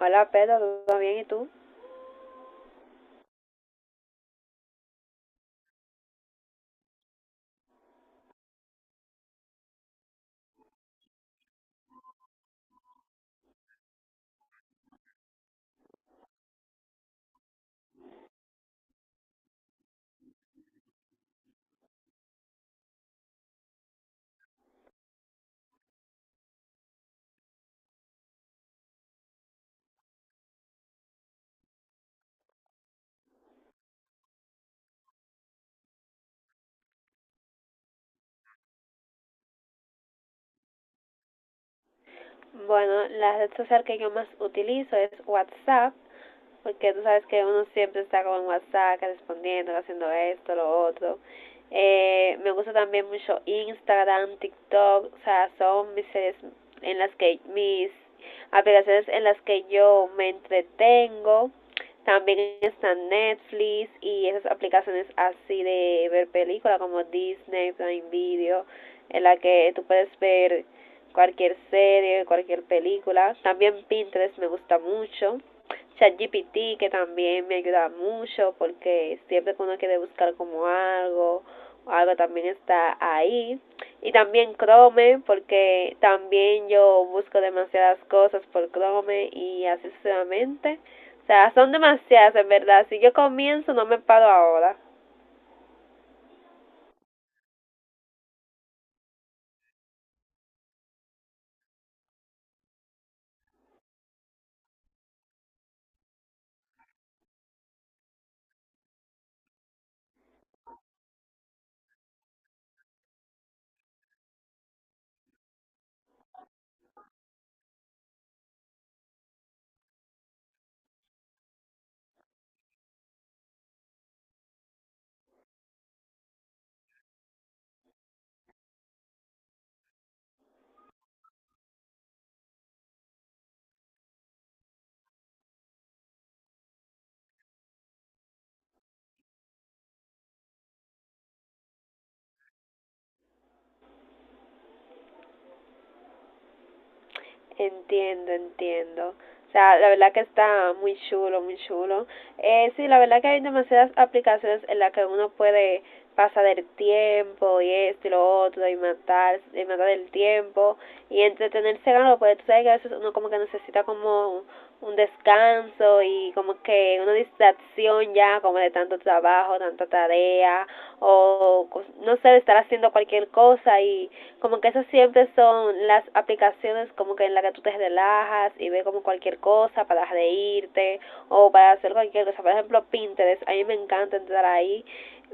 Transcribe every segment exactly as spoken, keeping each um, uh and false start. Hola Pedro, ¿todo bien? ¿Y tú? Bueno, la red social que yo más utilizo es WhatsApp porque tú sabes que uno siempre está con WhatsApp respondiendo, haciendo esto, lo otro. Eh, me gusta también mucho Instagram, TikTok, o sea, son mis series en las que mis aplicaciones en las que yo me entretengo. También están Netflix y esas aplicaciones así de ver películas como Disney, Prime Video, en la que tú puedes ver cualquier serie, cualquier película. También Pinterest me gusta mucho. ChatGPT que también me ayuda mucho porque siempre que uno quiere buscar como algo, algo también está ahí. Y también Chrome porque también yo busco demasiadas cosas por Chrome y así sucesivamente. O sea, son demasiadas en verdad. Si yo comienzo no me paro ahora. Entiendo, entiendo. O sea, la verdad que está muy chulo, muy chulo. Eh, sí, la verdad que hay demasiadas aplicaciones en las que uno puede pasar el tiempo y esto y lo otro y matar, y matar el tiempo y entretenerse con lo, pues tú sabes que a veces uno como que necesita como un descanso y como que una distracción ya como de tanto trabajo, tanta tarea o no sé, de estar haciendo cualquier cosa, y como que esas siempre son las aplicaciones como que en las que tú te relajas y ves como cualquier cosa para reírte o para hacer cualquier cosa. Por ejemplo Pinterest, a mí me encanta entrar ahí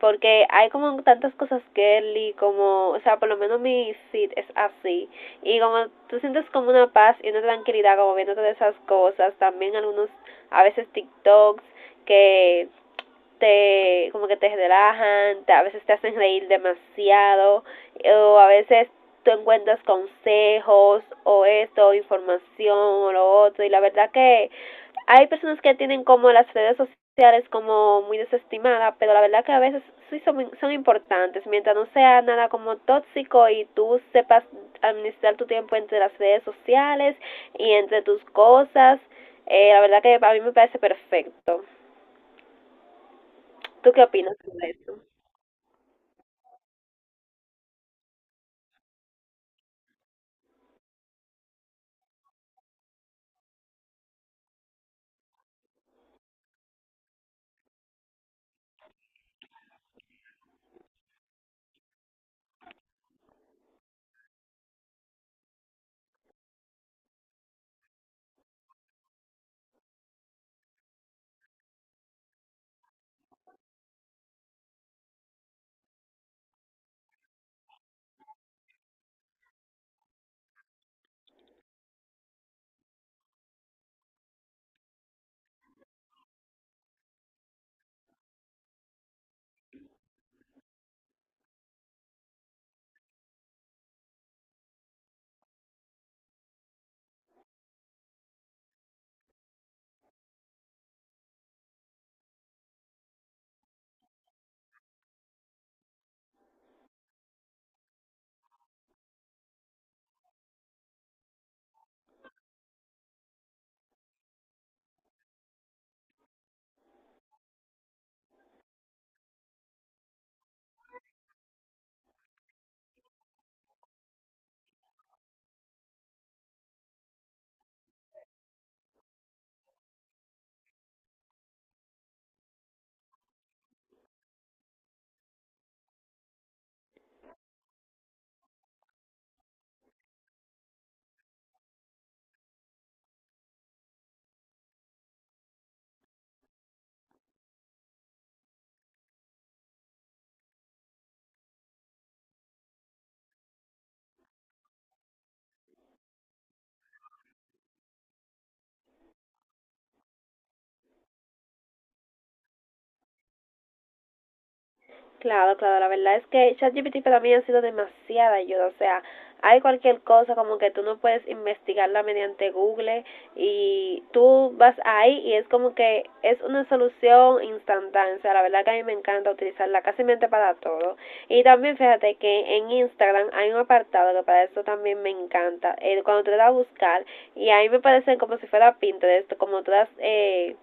porque hay como tantas cosas girly, como, o sea, por lo menos mi sit es así, y como tú sientes como una paz y una tranquilidad como viendo todas esas cosas, también algunos, a veces TikToks que te como que te relajan, te- a veces te hacen reír demasiado o a veces tú encuentras consejos o esto, información o lo otro. Y la verdad que hay personas que tienen como las redes sociales como muy desestimadas, pero la verdad que a veces sí son, son importantes, mientras no sea nada como tóxico y tú sepas administrar tu tiempo entre las redes sociales y entre tus cosas, eh, la verdad que a mí me parece perfecto. ¿Tú qué opinas sobre eso? Claro, claro, la verdad es que ChatGPT para mí ha sido demasiada ayuda, o sea, hay cualquier cosa como que tú no puedes investigarla mediante Google, y tú vas ahí y es como que es una solución instantánea, o sea, la verdad que a mí me encanta utilizarla casi mente para todo. Y también fíjate que en Instagram hay un apartado que para eso también me encanta, eh, cuando te das a buscar y ahí me parece como si fuera Pinterest, como todas... Eh,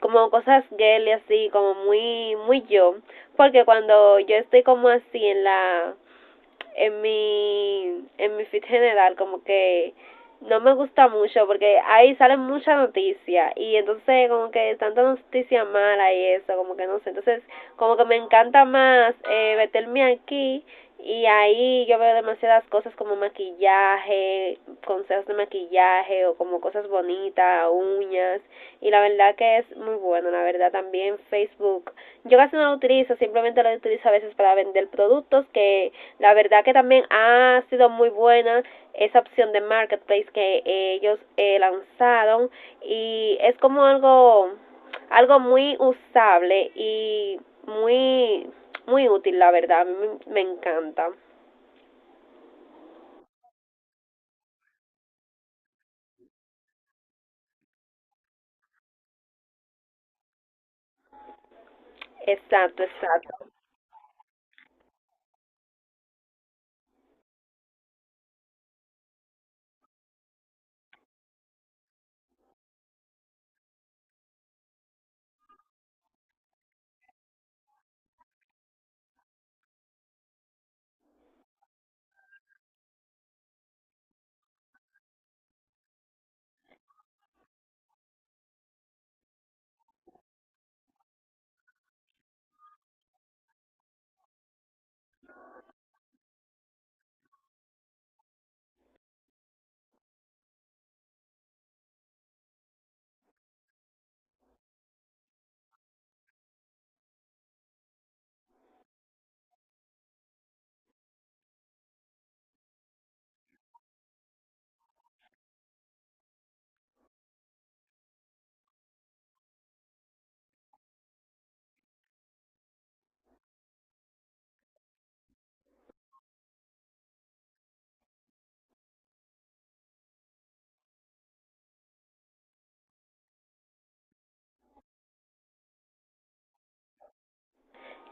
Como cosas girly así, como muy muy yo, porque cuando yo estoy como así en la en mi, en mi feed general, como que no me gusta mucho porque ahí salen muchas noticias y entonces como que tanta noticia mala y eso, como que no sé, entonces como que me encanta más, eh, meterme aquí, y ahí yo veo demasiadas cosas como maquillaje, consejos de maquillaje o como cosas bonitas, uñas, y la verdad que es muy bueno, la verdad también Facebook. Yo casi no lo utilizo, simplemente lo utilizo a veces para vender productos, que la verdad que también ha sido muy buena esa opción de marketplace que eh, ellos eh, lanzaron, y es como algo, algo muy usable y muy muy útil, la verdad, a mí me encanta. Exacto, exacto.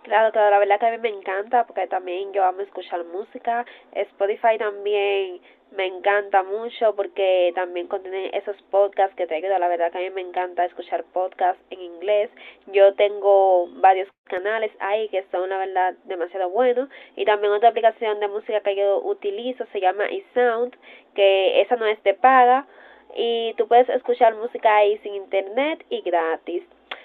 Claro, claro, la verdad que a mí me encanta porque también yo amo escuchar música. Spotify también me encanta mucho porque también contiene esos podcasts que te ayudan. La verdad que a mí me encanta escuchar podcasts en inglés. Yo tengo varios canales ahí que son la verdad demasiado buenos, y también otra aplicación de música que yo utilizo se llama iSound, que esa no es de paga y tú puedes escuchar música ahí sin internet y gratis.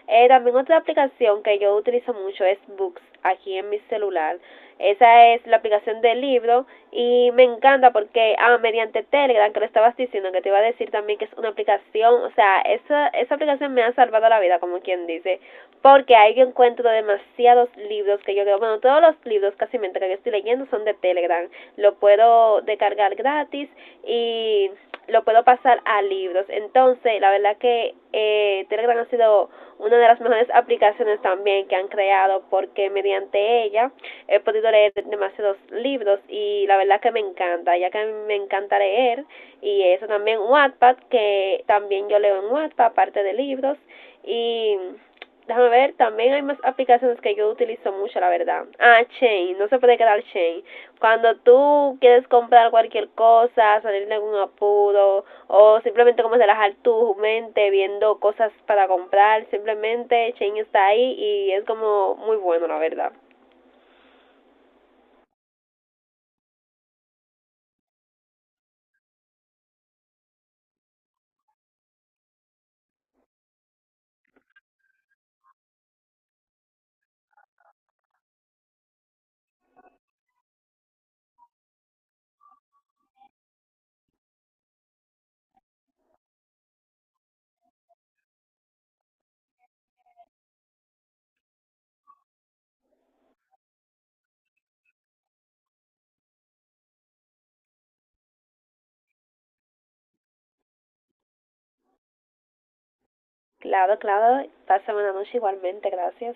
Eh, también otra aplicación que yo utilizo mucho es Books aquí en mi celular. Esa es la aplicación del libro y me encanta porque, ah, mediante Telegram, que lo estabas diciendo, que te iba a decir también que es una aplicación, o sea, esa, esa aplicación me ha salvado la vida, como quien dice, porque ahí yo encuentro demasiados libros que yo creo, bueno, todos los libros casi mientras que yo estoy leyendo son de Telegram, lo puedo descargar gratis gratis, y lo puedo pasar a libros. Entonces, la verdad que eh, Telegram ha sido una de las mejores aplicaciones también que han creado, porque mediante ella he podido leer demasiados libros y la verdad que me encanta, ya que a mí me encanta leer. Y eso también Wattpad, que también yo leo en Wattpad aparte de libros, y déjame ver, también hay más aplicaciones que yo utilizo mucho, la verdad. Ah, Chain, no se puede quedar Chain. Cuando tú quieres comprar cualquier cosa, salir de algún apuro o simplemente como relajar tu mente viendo cosas para comprar, simplemente Chain está ahí y es como muy bueno, la verdad. Claro, claro. Pásame una noche igualmente, gracias.